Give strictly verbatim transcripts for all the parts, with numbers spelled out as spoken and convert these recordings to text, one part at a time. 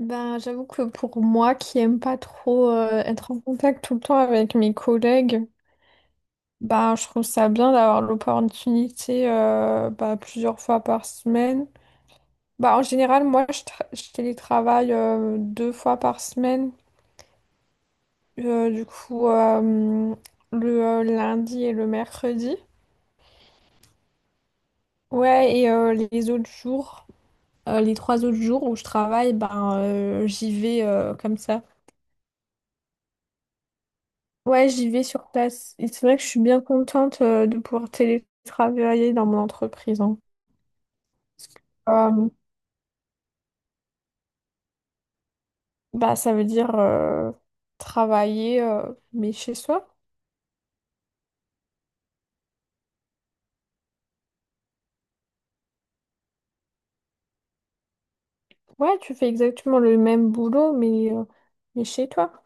Ben, j'avoue que pour moi qui aime pas trop euh, être en contact tout le temps avec mes collègues, ben, je trouve ça bien d'avoir l'opportunité euh, bah, plusieurs fois par semaine. Bah, en général, moi, je, tra- je télétravaille euh, deux fois par semaine. Euh, du coup, euh, le euh, lundi et le mercredi. Ouais, et euh, les autres jours, euh, les trois autres jours où je travaille, ben, euh, j'y vais euh, comme ça. Ouais, j'y vais sur place. Et c'est vrai que je suis bien contente euh, de pouvoir télétravailler dans mon entreprise, hein. Euh, bah, ça veut dire euh, travailler, euh, mais chez soi. Ouais, tu fais exactement le même boulot, mais, euh, mais chez toi.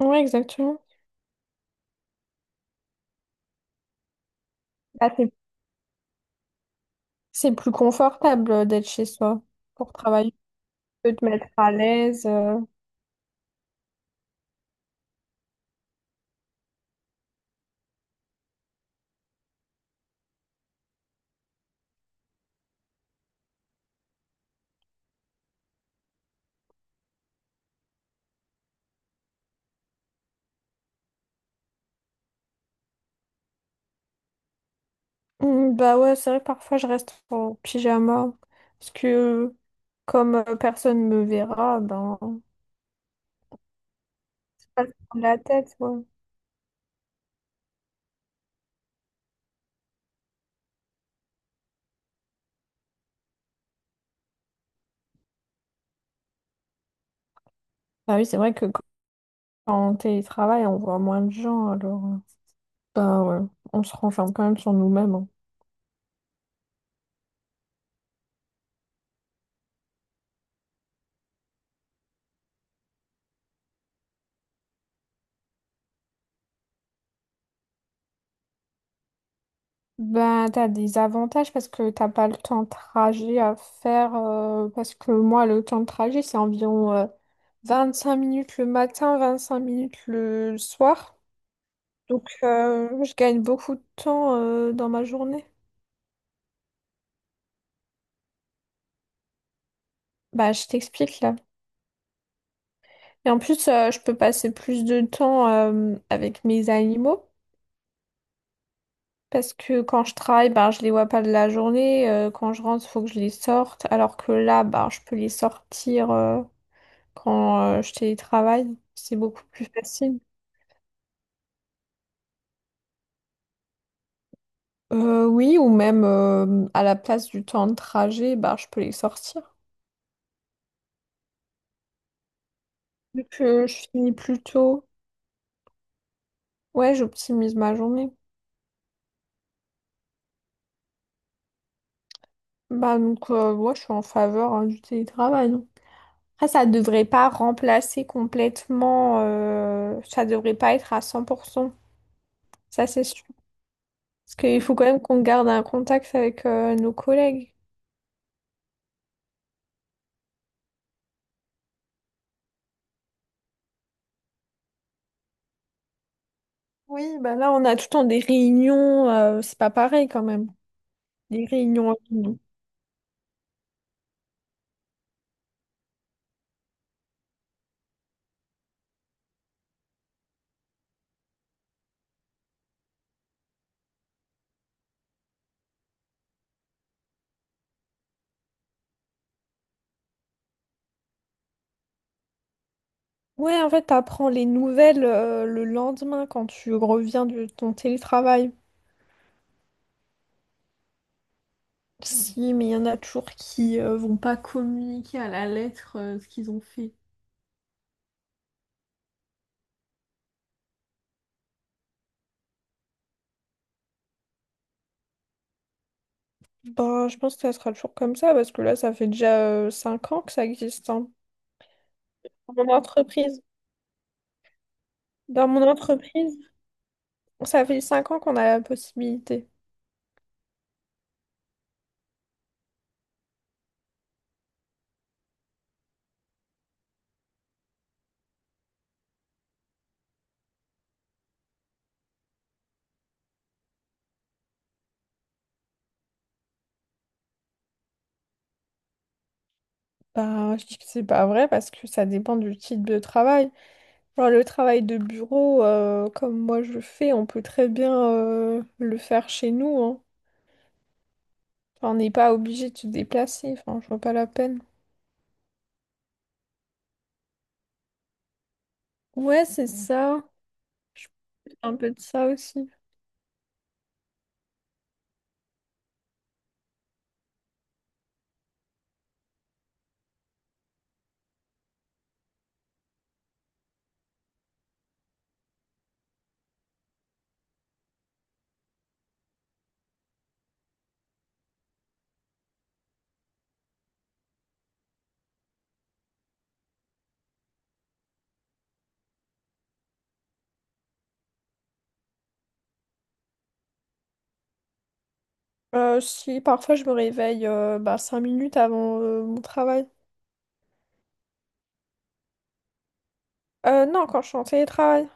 Ouais, exactement. Bah, c'est c'est plus confortable euh, d'être chez soi pour travailler. Tu peux te mettre à l'aise. euh. Mm, bah ouais, c'est vrai que parfois je reste en pyjama parce que euh, comme euh, personne me verra, ben. Ça se prend la tête, ouais. Ah oui, c'est vrai que quand on télétravaille, on voit moins de gens, alors euh, bah, ouais, on se renferme quand même sur nous-mêmes, hein. Ben, t'as des avantages parce que t'as pas le temps de trajet à faire. euh, parce que moi, le temps de trajet, c'est environ euh, cinq minutes le matin, vingt-cinq minutes le soir. Donc, euh, je gagne beaucoup de temps euh, dans ma journée. Bah, je t'explique là. Et en plus, euh, je peux passer plus de temps euh, avec mes animaux. Parce que quand je travaille, ben, je les vois pas de la journée. euh, quand je rentre, il faut que je les sorte. Alors que là, ben, je peux les sortir euh, quand euh, je télétravaille. C'est beaucoup plus facile. Euh, oui, ou même euh, à la place du temps de trajet, ben, je peux les sortir. Vu que je finis plus tôt, ouais, j'optimise ma journée. Bah, donc, euh, ouais, je suis en faveur, hein, du télétravail. Après, ça devrait pas remplacer complètement, euh, ça devrait pas être à cent pour cent. Ça, c'est sûr. Parce qu'il faut quand même qu'on garde un contact avec euh, nos collègues. Oui, bah là, on a tout le temps des réunions, euh, c'est pas pareil quand même. Des réunions en ligne. Ouais, en fait, t'apprends les nouvelles euh, le lendemain quand tu reviens de ton télétravail. Mm. Si, mais il y en a toujours qui euh, vont pas communiquer à la lettre euh, ce qu'ils ont fait. Ben, je pense que ça sera toujours comme ça parce que là, ça fait déjà cinq ans que ça existe, hein. Dans mon entreprise. Dans mon entreprise. Ça fait cinq ans qu'on a la possibilité. Bah, je dis que c'est pas vrai parce que ça dépend du type de travail. Genre le travail de bureau, euh, comme moi je le fais, on peut très bien euh, le faire chez nous, hein. Enfin, on n'est pas obligé de se déplacer, enfin, je vois pas la peine. Ouais, c'est ça. Un peu de ça aussi. Euh, si parfois je me réveille euh, bah, cinq minutes avant euh, mon travail. Euh, non, quand je suis en télétravail.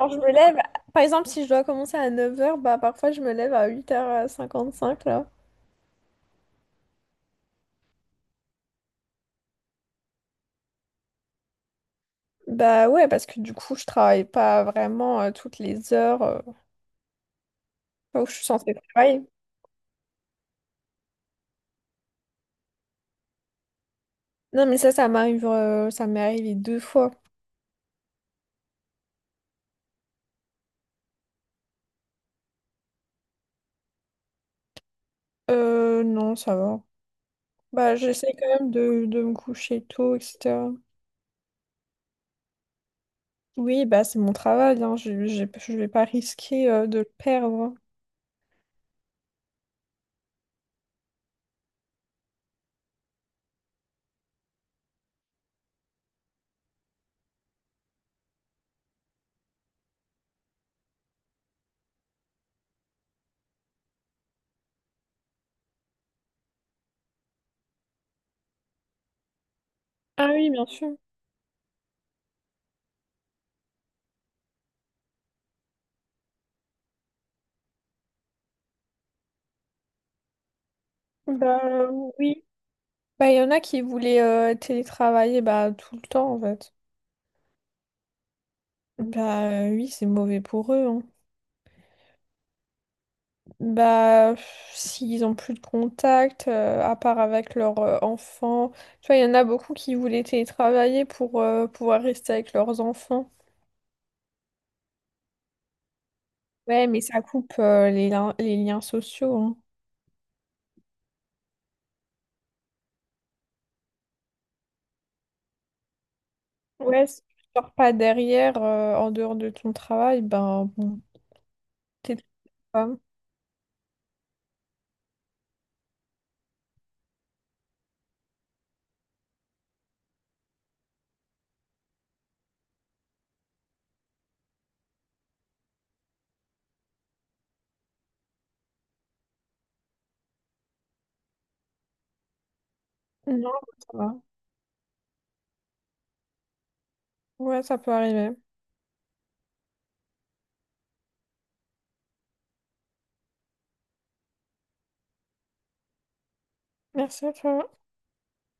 Quand je me lève, par exemple, si je dois commencer à neuf heures, bah parfois je me lève à huit heures cinquante cinq là. Bah ouais, parce que du coup, je travaille pas vraiment euh, toutes les heures euh, là où je suis censée travailler. Non, mais ça, ça m'arrive, euh, ça m'est arrivé deux fois. Euh, non, ça va. Bah, j'essaie quand même de, de me coucher tôt, et cetera. Oui, bah c'est mon travail, hein. Je, je, je vais pas risquer euh, de le perdre. Ah oui, bien sûr. Bah euh, oui. Bah il y en a qui voulaient euh, télétravailler bah tout le temps en fait. Bah euh, oui, c'est mauvais pour eux, hein. Bah pff, s'ils ont plus de contact, euh, à part avec leurs euh, enfants. Tu vois, il y en a beaucoup qui voulaient télétravailler pour euh, pouvoir rester avec leurs enfants. Ouais, mais ça coupe euh, les, lin- les liens sociaux. Ouais, si tu sors pas derrière, euh, en dehors de ton travail, ben bon, t'es pas. Non, ça va. Ouais, ça peut arriver. Merci à toi.